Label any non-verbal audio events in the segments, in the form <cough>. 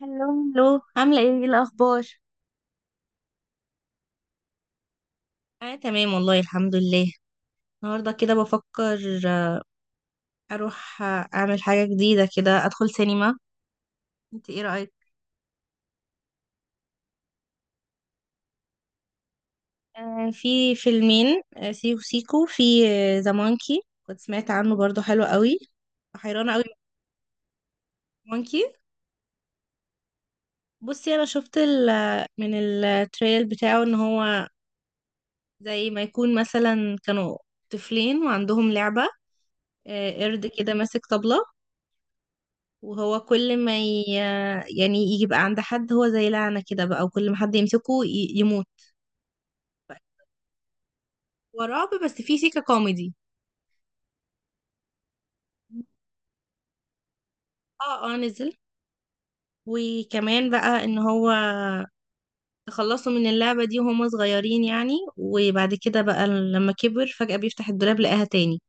هلو. هلو، عاملة ايه الأخبار؟ أنا تمام والله الحمد لله. النهاردة كده بفكر أروح، أعمل حاجة جديدة كده أدخل سينما. انت ايه رأيك؟ في فيلمين، سيكو سيكو، في ذا مونكي، كنت سمعت عنه برضو حلو قوي. حيرانة قوي من مونكي. بصي أنا شفت من التريل بتاعه إن هو زي ما يكون مثلا كانوا طفلين وعندهم لعبة، قرد كده ماسك طبلة، وهو كل ما يعني يبقى عند حد، هو زي لعنة كده بقى، وكل ما حد يمسكه يموت بقى. هو رعب بس فيه سيكة كوميدي. اه، اه، نزل. وكمان بقى ان هو تخلصوا من اللعبة دي وهم صغيرين يعني، وبعد كده بقى لما كبر فجأة بيفتح الدولاب لقاها تاني.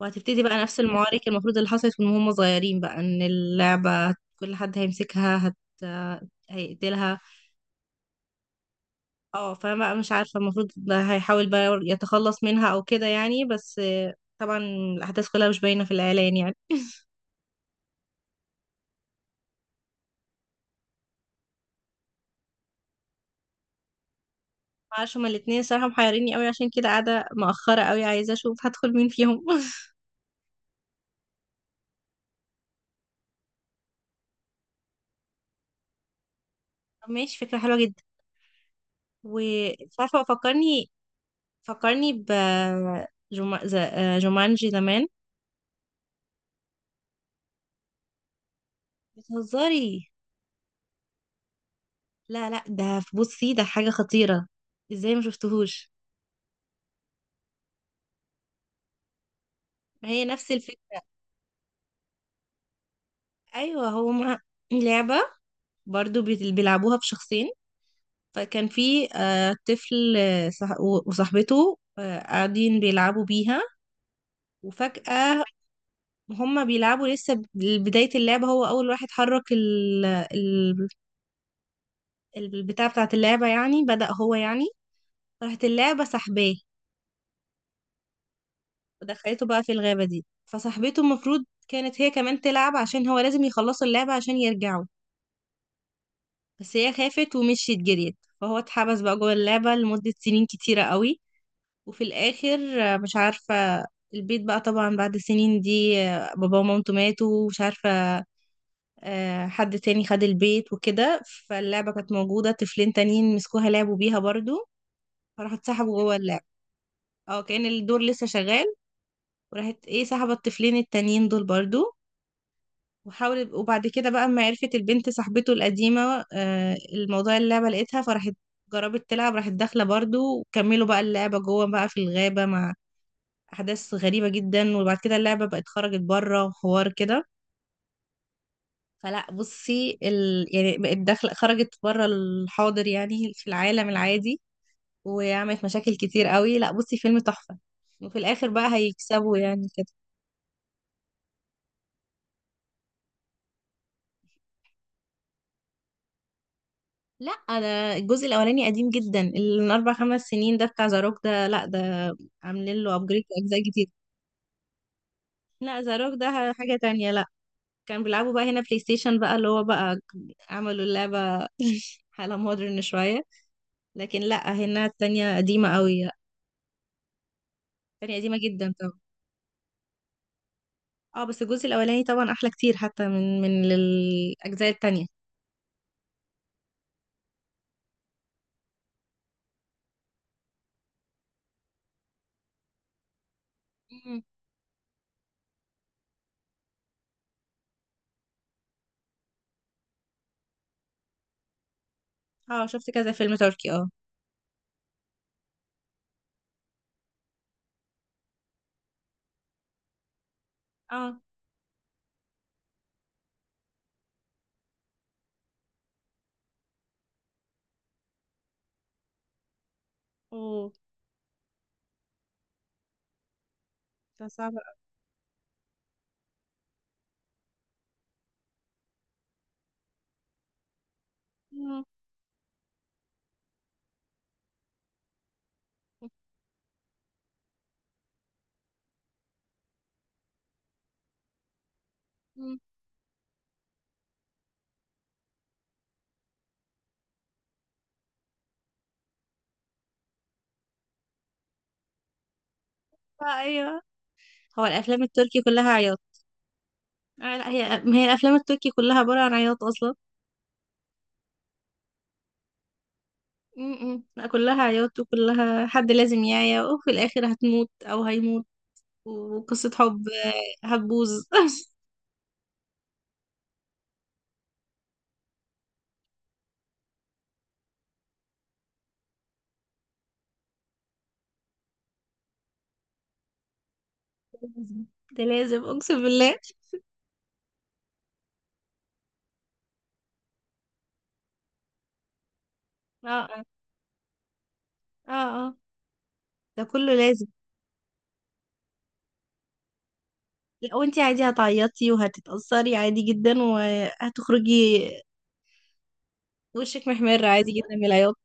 وهتبتدي بقى نفس المعارك المفروض اللي حصلت من هم صغيرين، بقى ان اللعبة كل حد هيمسكها هيقتلها. اه، فانا مش عارفه المفروض ده هيحاول بقى يتخلص منها او كده يعني، بس طبعا الاحداث كلها مش باينه في الاعلان يعني. معرفش هما الاتنين الصراحه محيريني قوي، عشان كده قاعده مأخره قوي عايزه اشوف هدخل مين فيهم. <laughs> طب ماشي، فكره حلوه جدا. ومش عارفه، فكرني، فكرني ب جومانجي زمان. بتهزري؟ لا لا، بصي ده حاجه خطيره، ازاي ما شفتهوش. ما هي نفس الفكره. ايوه هما لعبه برضو بيلعبوها بشخصين. فكان في طفل وصاحبته، قاعدين بيلعبوا بيها وفجأة، هما بيلعبوا لسه بداية اللعبة. هو أول واحد حرك البتاع بتاعة اللعبة يعني، بدأ هو يعني، راحت اللعبة سحباه ودخلته بقى في الغابة دي. فصاحبته المفروض كانت هي كمان تلعب عشان هو لازم يخلصوا اللعبة عشان يرجعوا. بس هي خافت ومشيت جريت، فهو اتحبس بقى جوه اللعبة لمدة سنين كتيرة قوي. وفي الاخر مش عارفه، البيت بقى طبعا بعد سنين دي بابا ومامته ماتوا ومش عارفه، حد تاني خد البيت وكده. فاللعبه كانت موجوده، طفلين تانيين مسكوها لعبوا بيها برضو، فراحوا اتسحبوا جوه اللعبه. اه، كان الدور لسه شغال وراحت ايه سحبت الطفلين التانيين دول برضو. وحاولت وبعد كده بقى اما عرفت البنت صاحبته القديمه الموضوع اللعبه لقيتها، فراحت جربت تلعب، راحت داخله برضو، وكملوا بقى اللعبه جوه بقى في الغابه مع احداث غريبه جدا. وبعد كده اللعبه بقت خرجت بره وحوار كده. فلا بصي يعني بقت داخله خرجت بره الحاضر يعني في العالم العادي، وعملت مشاكل كتير قوي. لا بصي فيلم تحفه، وفي الاخر بقى هيكسبوا يعني كده. لا انا الجزء الاولاني قديم جدا، اللي من اربع خمس سنين ده بتاع زاروك، ده لا ده عاملين له ابجريد اجزاء كتير. لا زاروك ده حاجه تانية، لا كان بيلعبوا بقى هنا بلاي ستيشن بقى، اللي هو بقى عملوا اللعبه على مودرن شويه. لكن لا هنا التانية قديمة قوي، التانية قديمة جدا طبعا. اه بس الجزء الاولاني طبعا احلى كتير حتى من الاجزاء التانية. مم. اه شفت كذا فيلم تركي، اه. اه. اوه، ده صعب أوي. مم. مم. آه ايوه. هو الافلام التركي كلها عياط؟ آه لا، هي ما هي الافلام التركي كلها عبارة عن عياط اصلا. مم. لا كلها عياط، وكلها حد لازم يعيا وفي الاخر هتموت او هيموت، وقصة حب هتبوظ. <laughs> ده لازم اقسم بالله. اه، اه، اه، ده كله لازم. لا وانتي عادي هتعيطي وهتتأثري عادي جدا، وهتخرجي وشك محمر عادي جدا من العياط.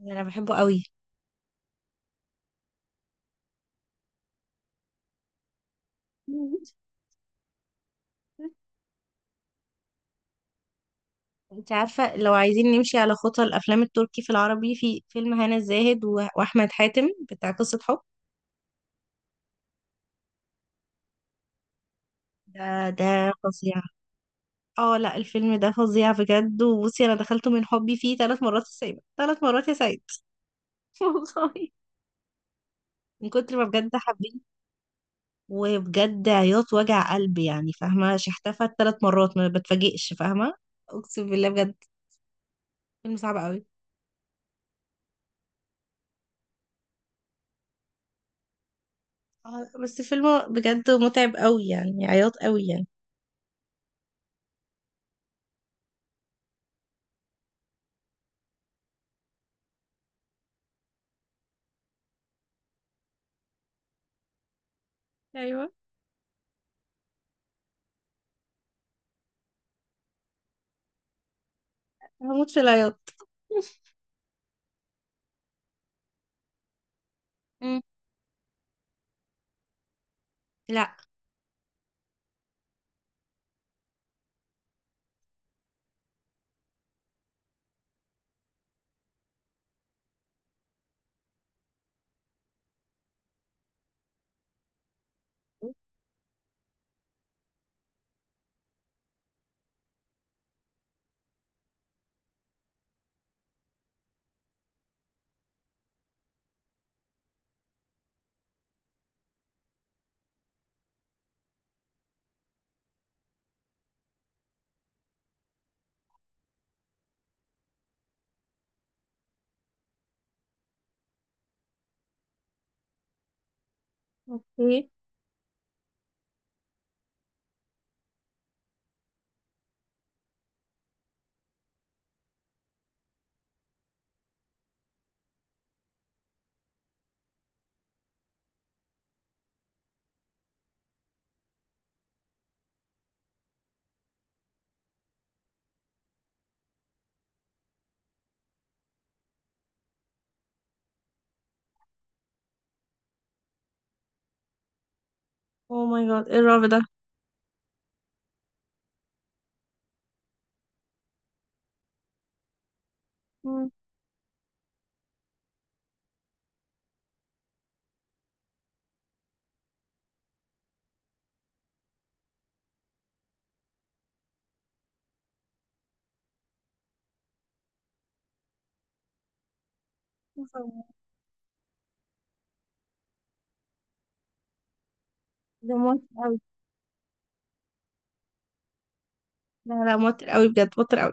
انا بحبه قوي. <laughs> انت عارفة، لو عايزين نمشي على خطى الافلام التركي في العربي، في فيلم هنا الزاهد واحمد حاتم بتاع قصة حب، ده ده فظيع. اه لا الفيلم ده فظيع بجد، وبصي انا دخلته من حبي فيه ثلاث مرات السينما، ثلاث مرات يا سعيد. <laughs> والله، من كتر ما بجد حبيت، وبجد عياط وجع قلب يعني، فاهمة شحتفت ثلاث مرات ما بتفاجئش فاهمة. اقسم بالله بجد، فيلم صعب قوي. بس فيلم بجد متعب قوي يعني عياط قوي يعني. ايوه هموت في العياط. <laughs> مم. لا اوكي. او ماي جاد، ايه الرعب ده. مم. ده موتر قوي. لا لا، موتر قوي بجد، موتر قوي.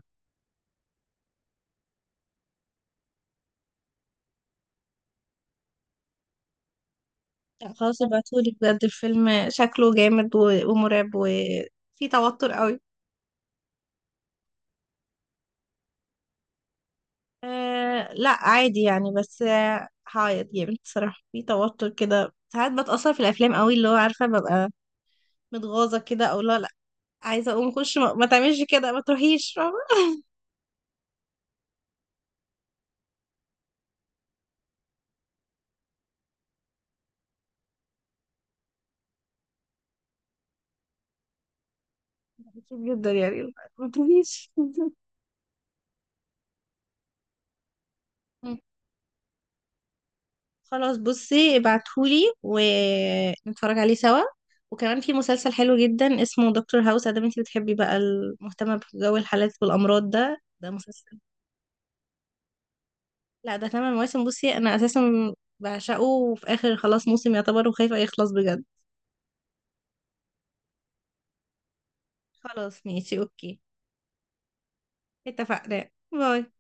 لا خلاص ابعتولي بجد، الفيلم شكله جامد ومرعب وفي توتر قوي. أه لا عادي يعني، بس هعيط جامد بصراحة. في توتر كده ساعات بتأثر في الأفلام قوي، اللي هو عارفة، ببقى متغاظة كده، أو لا لا عايزة أقوم أخش ما تعملش كده، ما تروحيش فاهمة. بتشوف جدا يعني ما تروحيش. مم. خلاص بصي ابعتهولي ونتفرج عليه سوا. وكمان في مسلسل حلو جدا اسمه دكتور هاوس، ادام انتي بتحبي بقى المهتمة بجو الحالات والأمراض، ده ده مسلسل. لا ده تمن مواسم، بصي انا اساسا بعشقه وفي اخر خلاص موسم يعتبر، وخايفة يخلص بجد. خلاص ماشي اوكي، اتفقنا، باي.